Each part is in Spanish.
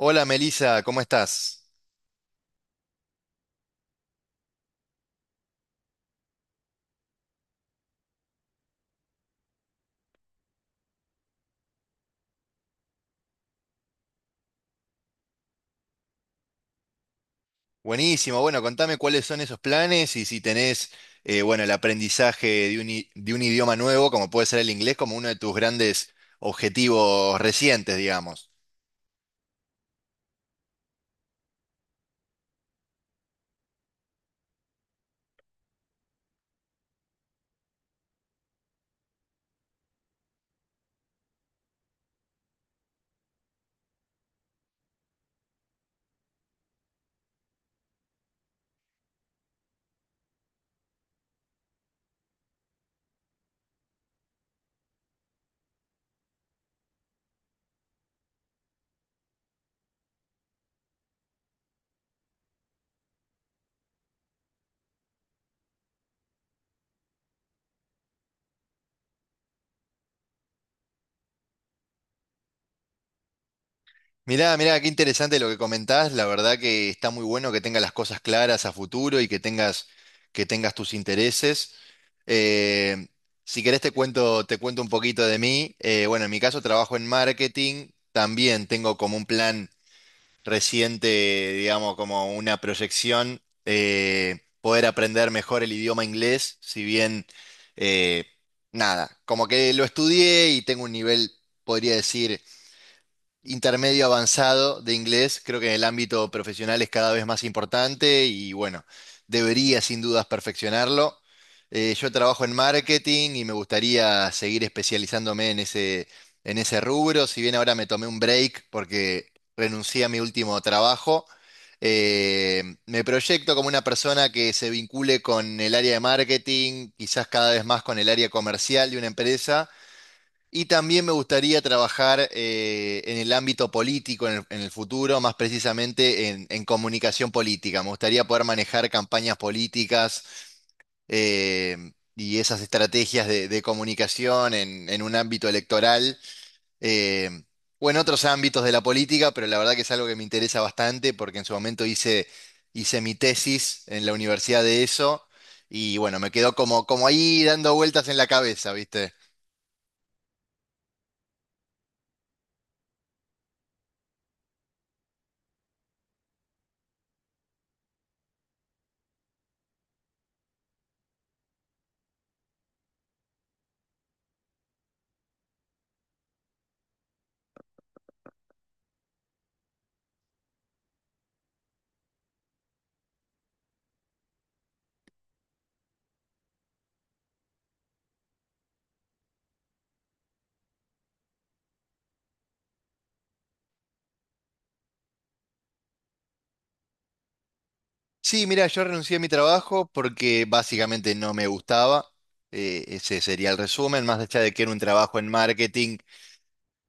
Hola Melissa, ¿cómo estás? Buenísimo, bueno, contame cuáles son esos planes y si tenés, bueno, el aprendizaje de de un idioma nuevo, como puede ser el inglés, como uno de tus grandes objetivos recientes, digamos. Mirá, mirá, qué interesante lo que comentás, la verdad que está muy bueno que tengas las cosas claras a futuro y que tengas tus intereses. Eh, si querés te cuento un poquito de mí. Bueno, en mi caso trabajo en marketing, también tengo como un plan reciente, digamos, como una proyección, poder aprender mejor el idioma inglés, si bien, eh, nada, como que lo estudié y tengo un nivel, podría decir, intermedio avanzado de inglés, creo que en el ámbito profesional es cada vez más importante y bueno, debería sin dudas perfeccionarlo. Yo trabajo en marketing y me gustaría seguir especializándome en ese rubro, si bien ahora me tomé un break porque renuncié a mi último trabajo. Me proyecto como una persona que se vincule con el área de marketing, quizás cada vez más con el área comercial de una empresa y también me gustaría trabajar en el ámbito político en el futuro, más precisamente en comunicación política. Me gustaría poder manejar campañas políticas eh, y esas estrategias de comunicación en un ámbito electoral eh, o en otros ámbitos de la política, pero la verdad que es algo que me interesa bastante porque en su momento hice, hice mi tesis en la universidad de eso y bueno, me quedó como, como ahí dando vueltas en la cabeza, ¿viste? Sí, mira, yo renuncié a mi trabajo porque básicamente no me gustaba. Ese sería el resumen, más allá de que era un trabajo en marketing,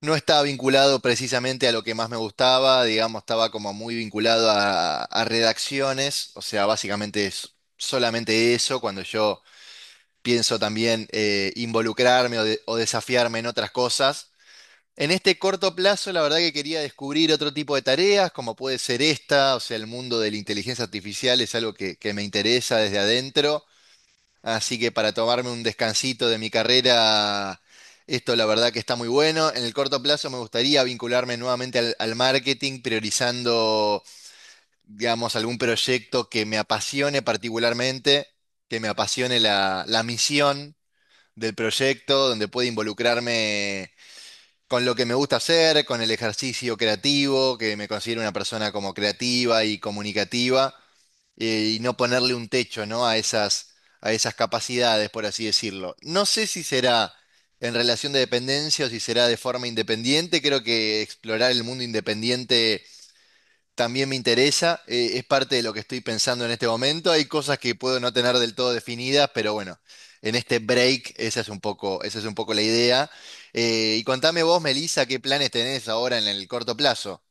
no estaba vinculado precisamente a lo que más me gustaba, digamos, estaba como muy vinculado a redacciones, o sea, básicamente es solamente eso, cuando yo pienso también involucrarme o desafiarme en otras cosas. En este corto plazo, la verdad que quería descubrir otro tipo de tareas, como puede ser esta, o sea, el mundo de la inteligencia artificial es algo que me interesa desde adentro, así que para tomarme un descansito de mi carrera, esto la verdad que está muy bueno. En el corto plazo me gustaría vincularme nuevamente al, al marketing, priorizando, digamos, algún proyecto que me apasione particularmente, que me apasione la, la misión del proyecto, donde pueda involucrarme con lo que me gusta hacer, con el ejercicio creativo, que me considero una persona como creativa y comunicativa, y no ponerle un techo, ¿no? A esas capacidades, por así decirlo. No sé si será en relación de dependencia o si será de forma independiente. Creo que explorar el mundo independiente también me interesa, es parte de lo que estoy pensando en este momento. Hay cosas que puedo no tener del todo definidas, pero bueno, en este break esa es un poco, esa es un poco la idea. Y contame vos, Melissa, qué planes tenés ahora en el corto plazo.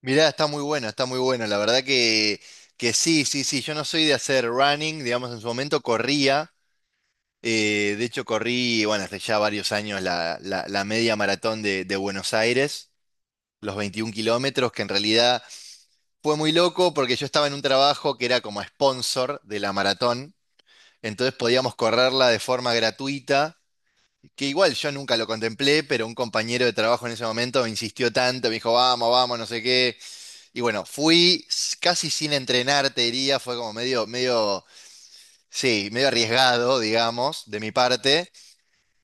Mirá, está muy bueno, está muy bueno. La verdad que sí, sí, sí. Yo no soy de hacer running, digamos, en su momento corría. De hecho, corrí, bueno, hace ya varios años la media maratón de Buenos Aires los 21 kilómetros, que en realidad fue muy loco porque yo estaba en un trabajo que era como sponsor de la maratón, entonces podíamos correrla de forma gratuita, que igual yo nunca lo contemplé, pero un compañero de trabajo en ese momento me insistió tanto, me dijo, vamos, vamos, no sé qué. Y bueno, casi sin entrenar, te diría, fue como medio, medio, sí, medio arriesgado, digamos, de mi parte,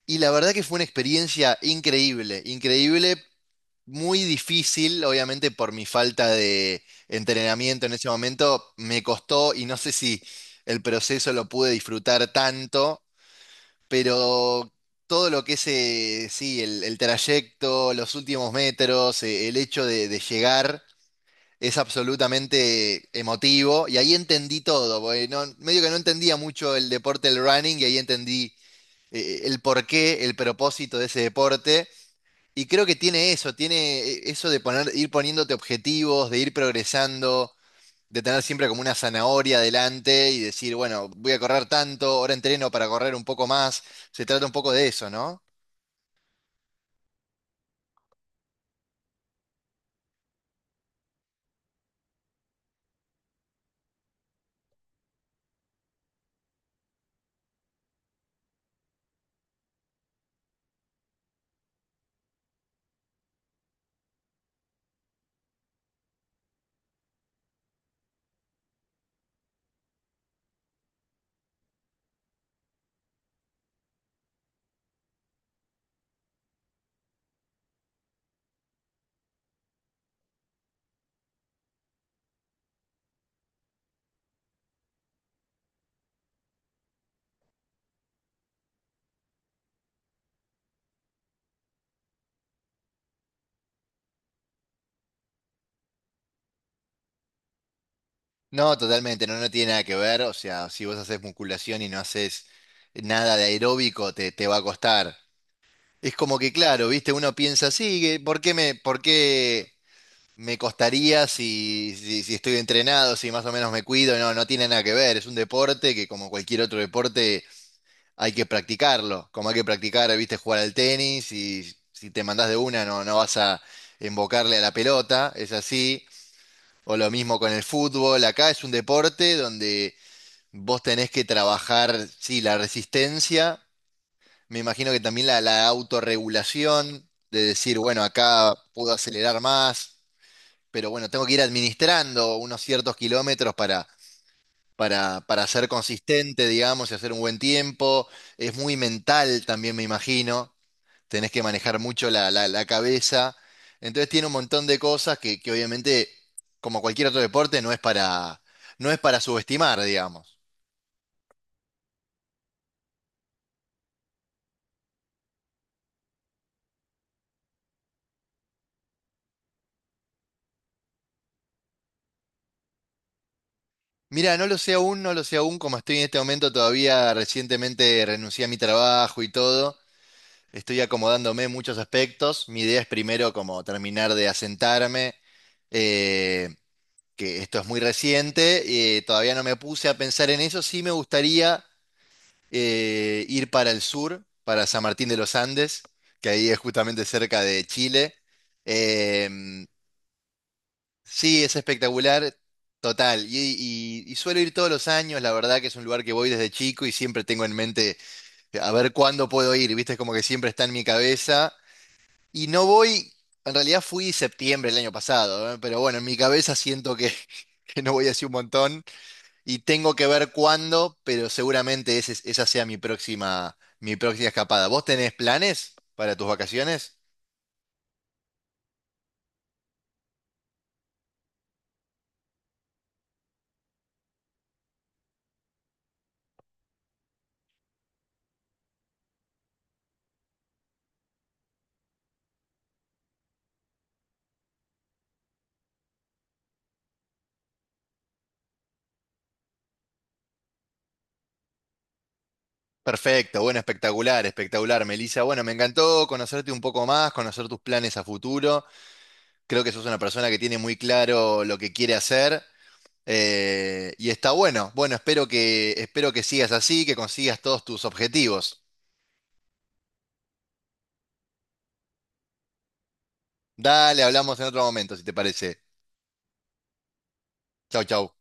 y la verdad que fue una experiencia increíble, increíble, muy difícil, obviamente por mi falta de entrenamiento en ese momento, me costó y no sé si el proceso lo pude disfrutar tanto, pero todo lo que es, sí, el trayecto, los últimos metros, el hecho de llegar es absolutamente emotivo y ahí entendí todo, porque medio que no entendía mucho el deporte del running y ahí entendí el porqué, el propósito de ese deporte. Y creo que tiene eso de poner, ir poniéndote objetivos, de ir progresando, de tener siempre como una zanahoria adelante y decir, bueno, voy a correr tanto, ahora entreno para correr un poco más. Se trata un poco de eso, ¿no? No, totalmente, no, no tiene nada que ver. O sea, si vos haces musculación y no haces nada de aeróbico, te va a costar. Es como que, claro, viste, uno piensa, sí, ¿por qué me, por qué? Me costaría si estoy entrenado, si más o menos me cuido, no, no tiene nada que ver, es un deporte que como cualquier otro deporte hay que practicarlo, como hay que practicar, viste, jugar al tenis y si te mandás de una no, no vas a embocarle a la pelota, es así, o lo mismo con el fútbol, acá es un deporte donde vos tenés que trabajar, sí, la resistencia, me imagino que también la autorregulación, de decir, bueno, acá puedo acelerar más pero bueno, tengo que ir administrando unos ciertos kilómetros para, para ser consistente, digamos, y hacer un buen tiempo. Es muy mental también, me imagino. Tenés que manejar mucho la, la cabeza. Entonces tiene un montón de cosas que obviamente, como cualquier otro deporte, no es para, no es para subestimar, digamos. Mira, no lo sé aún, no lo sé aún, como estoy en este momento todavía recientemente renuncié a mi trabajo y todo. Estoy acomodándome en muchos aspectos. Mi idea es primero como terminar de asentarme, eh, que esto es muy reciente. Todavía no me puse a pensar en eso. Sí me gustaría ir para el sur, para San Martín de los Andes, que ahí es justamente cerca de Chile. Em, sí, es espectacular, total. Y, y suelo ir todos los años. La verdad que es un lugar que voy desde chico y siempre tengo en mente a ver cuándo puedo ir. Viste, es como que siempre está en mi cabeza. Y no voy, en realidad fui septiembre el año pasado, ¿eh? Pero bueno, en mi cabeza siento que, que no voy así un montón y tengo que ver cuándo, pero seguramente ese, esa sea mi próxima escapada. ¿Vos tenés planes para tus vacaciones? Perfecto, bueno, espectacular, espectacular, Melissa. Bueno, me encantó conocerte un poco más, conocer tus planes a futuro. Creo que sos una persona que tiene muy claro lo que quiere hacer. Y está bueno. Bueno, espero que sigas así, que consigas todos tus objetivos. Dale, hablamos en otro momento, si te parece. Chau, chau.